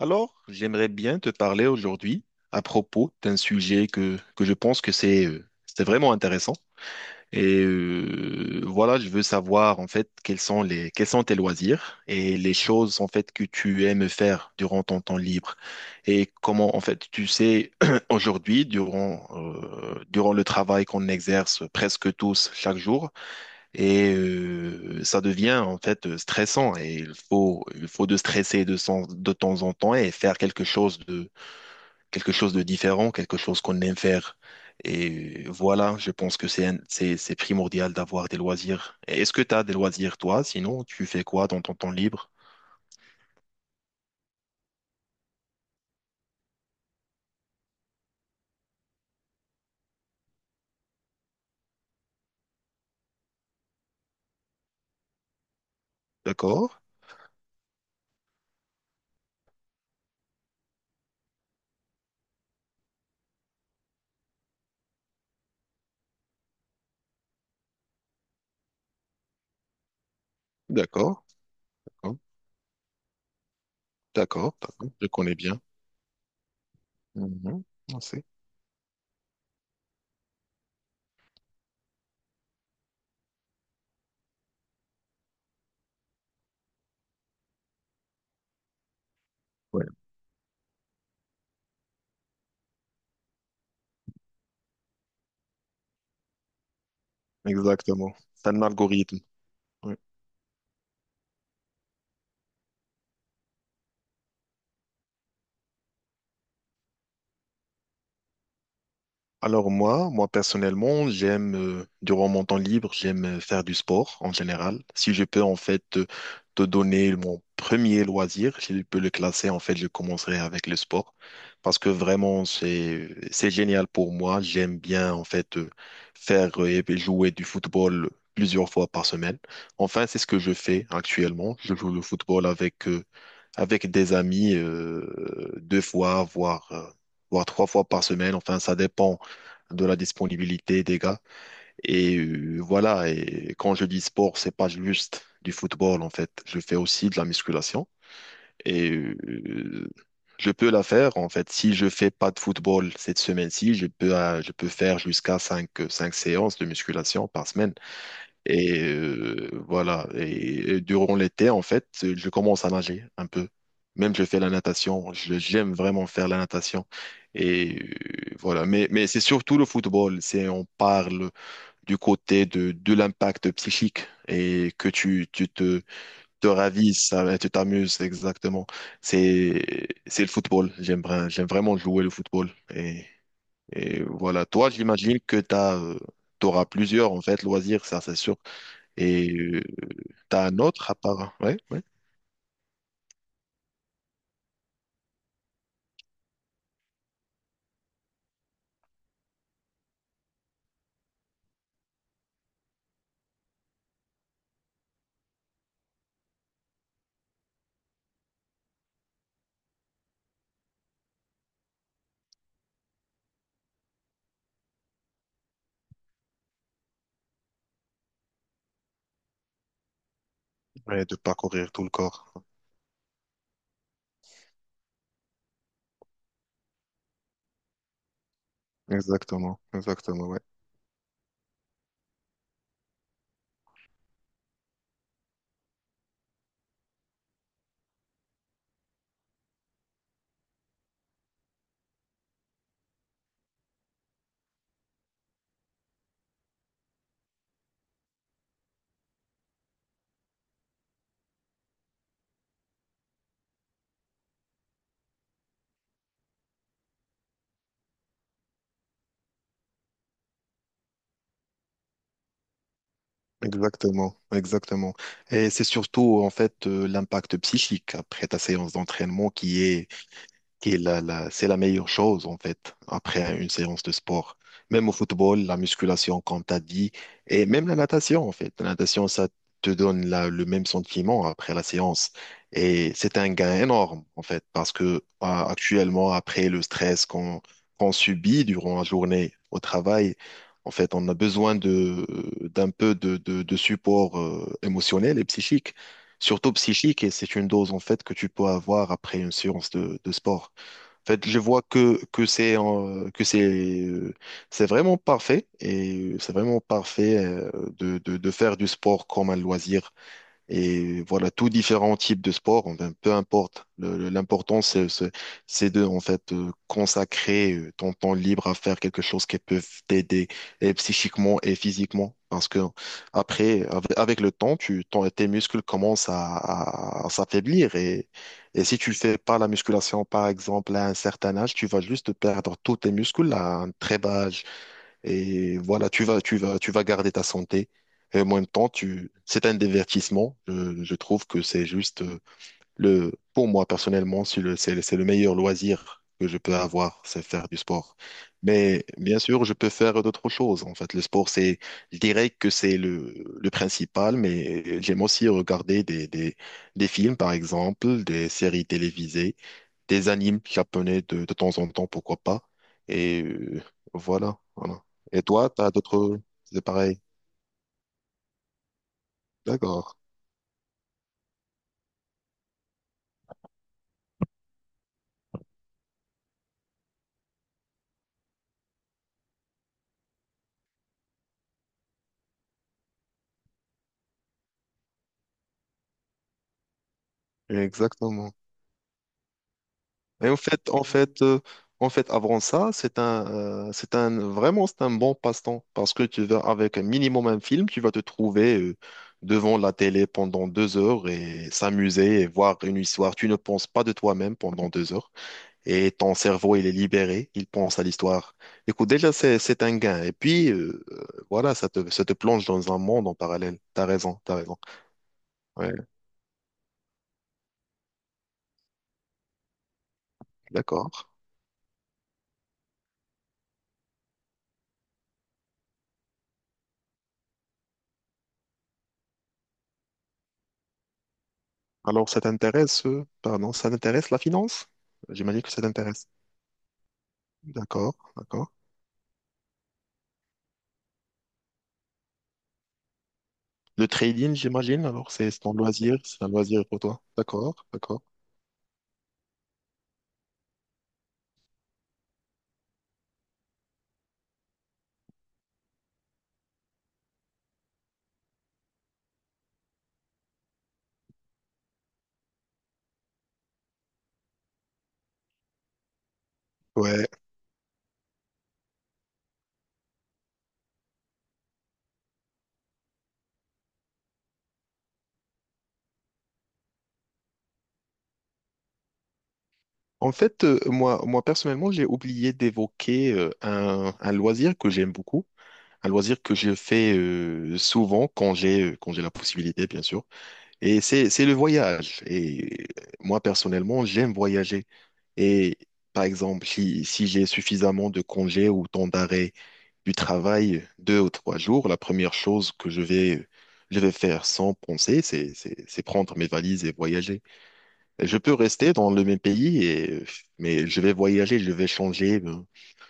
Alors, j'aimerais bien te parler aujourd'hui à propos d'un sujet que je pense que c'est vraiment intéressant. Voilà, je veux savoir en fait quels sont tes loisirs et les choses en fait que tu aimes faire durant ton temps libre, et comment en fait tu sais aujourd'hui durant le travail qu'on exerce presque tous chaque jour, et ça devient en fait stressant, et il faut de stresser de temps en temps et faire quelque chose de différent, quelque chose qu'on aime faire. Voilà, je pense que c'est un- c'est primordial d'avoir des loisirs. Et est-ce que tu as des loisirs, toi? Sinon, tu fais quoi dans ton temps libre? D'accord? D'accord, d'accord, d'accord, d'accord, je connais bien. Mhm, on sait. Ouais, exactement. C'est un algorithme. Oui. Alors moi personnellement, durant mon temps libre, j'aime faire du sport en général. Si je peux en fait te donner mon premier loisir, si je peux le classer, en fait, je commencerai avec le sport. Parce que vraiment, c'est génial pour moi. J'aime bien en fait faire et jouer du football plusieurs fois par semaine. Enfin, c'est ce que je fais actuellement. Je joue le football avec des amis deux fois, voire trois fois par semaine. Enfin, ça dépend de la disponibilité des gars. Voilà, et quand je dis sport, c'est pas juste du football en fait. Je fais aussi de la musculation, et je peux la faire en fait. Si je fais pas de football cette semaine-ci, je peux faire jusqu'à cinq séances de musculation par semaine. Voilà. Et durant l'été, en fait, je commence à nager un peu. Même je fais la natation. J'aime vraiment faire la natation. Voilà. Mais c'est surtout le football. On parle du côté de l'impact psychique, et que tu te, te ravisses, tu t'amuses exactement. C'est le football. J'aime vraiment jouer le football. Et voilà. Toi, j'imagine que t'auras plusieurs, en fait, loisirs. Ça, c'est sûr. Et euh, T'as un autre à part? Ouais, ouais, ouais, de parcourir tout le corps. Exactement, exactement, ouais. Exactement, exactement. Et c'est surtout en fait l'impact psychique après ta séance d'entraînement qui est la, la- c'est la meilleure chose, en fait, après une séance de sport. Même au football, la musculation, comme tu as dit, et même la natation, en fait. La natation, ça te donne le même sentiment après la séance. Et c'est un gain énorme, en fait, parce que actuellement, après le stress qu'on subit durant la journée au travail, en fait, on a besoin d'un peu de support émotionnel et psychique, surtout psychique, et c'est une dose en fait que tu peux avoir après une séance de sport. En fait, je vois que c'est vraiment parfait, de faire du sport comme un loisir, et voilà, tous différents types de sports, enfin, peu importe. L'important, c'est en fait, consacrer ton temps libre à faire quelque chose qui peut t'aider et psychiquement et physiquement. Parce que après, avec le temps, tes muscles commencent à s'affaiblir. Et si tu fais pas la musculation, par exemple, à un certain âge, tu vas juste perdre tous tes muscles à un très bas âge. Et voilà, tu vas garder ta santé. Et en même temps, c'est un divertissement. Je trouve que c'est juste pour moi personnellement, c'est le meilleur loisir que je peux avoir, c'est faire du sport. Mais bien sûr, je peux faire d'autres choses. En fait, le sport, je dirais que c'est le principal, mais j'aime aussi regarder des films, par exemple, des séries télévisées, des animes japonais de temps en temps, pourquoi pas. Et euh, voilà, voilà. Et toi, t'as d'autres... C'est pareil. D'accord. Exactement. Et en fait, avant ça, c'est un, vraiment, c'est un bon passe-temps, parce que tu vas avec un minimum un film, tu vas te trouver devant la télé pendant 2 heures et s'amuser et voir une histoire. Tu ne penses pas de toi-même pendant 2 heures, et ton cerveau, il est libéré, il pense à l'histoire. Écoute, déjà, c'est un gain. Et puis, voilà, ça te plonge dans un monde en parallèle. T'as raison, t'as raison. Ouais, d'accord. Alors, pardon, ça t'intéresse la finance? J'imagine que ça t'intéresse. D'accord, d'accord. Le trading, j'imagine, alors c'est ton loisir, c'est un loisir pour toi. D'accord, d'accord. Ouais. En fait, moi personnellement, j'ai oublié d'évoquer un loisir que j'aime beaucoup. Un loisir que je fais souvent quand j'ai la possibilité, bien sûr. Et c'est le voyage. Et moi, personnellement, j'aime voyager. Et par exemple, si j'ai suffisamment de congés ou temps d'arrêt du travail, 2 ou 3 jours, la première chose que je vais faire sans penser, c'est prendre mes valises et voyager. Je peux rester dans le même pays, mais je vais voyager, je vais changer.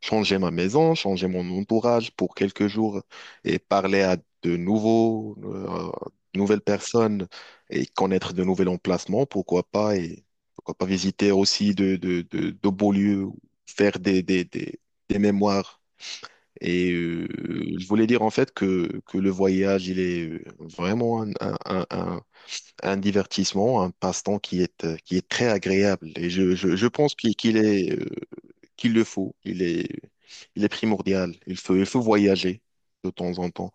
Changer ma maison, changer mon entourage pour quelques jours et parler à de nouveaux, euh, de nouvelles personnes et connaître de nouveaux emplacements, pourquoi pas, et pourquoi pas visiter aussi de beaux lieux, faire des mémoires. Et euh, je voulais dire en fait que le voyage, il est vraiment un divertissement, un passe-temps qui est très agréable. Et je pense qu'il le faut. Il est primordial. Il faut voyager de temps en temps.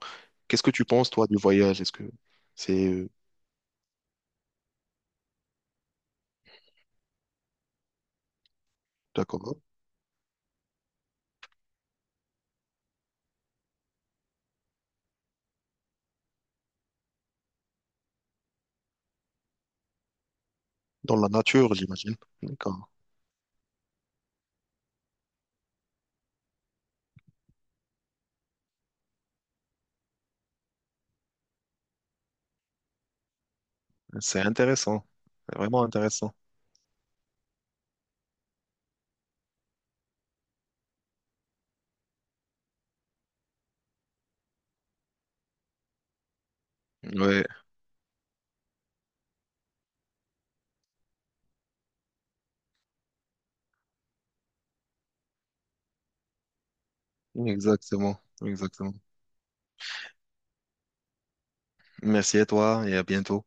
Qu'est-ce que tu penses, toi, du voyage? Est-ce que c'est D'accord? Dans la nature, j'imagine. D'accord. C'est intéressant. C'est vraiment intéressant. Ouais, exactement. Exactement. Merci à toi et à bientôt.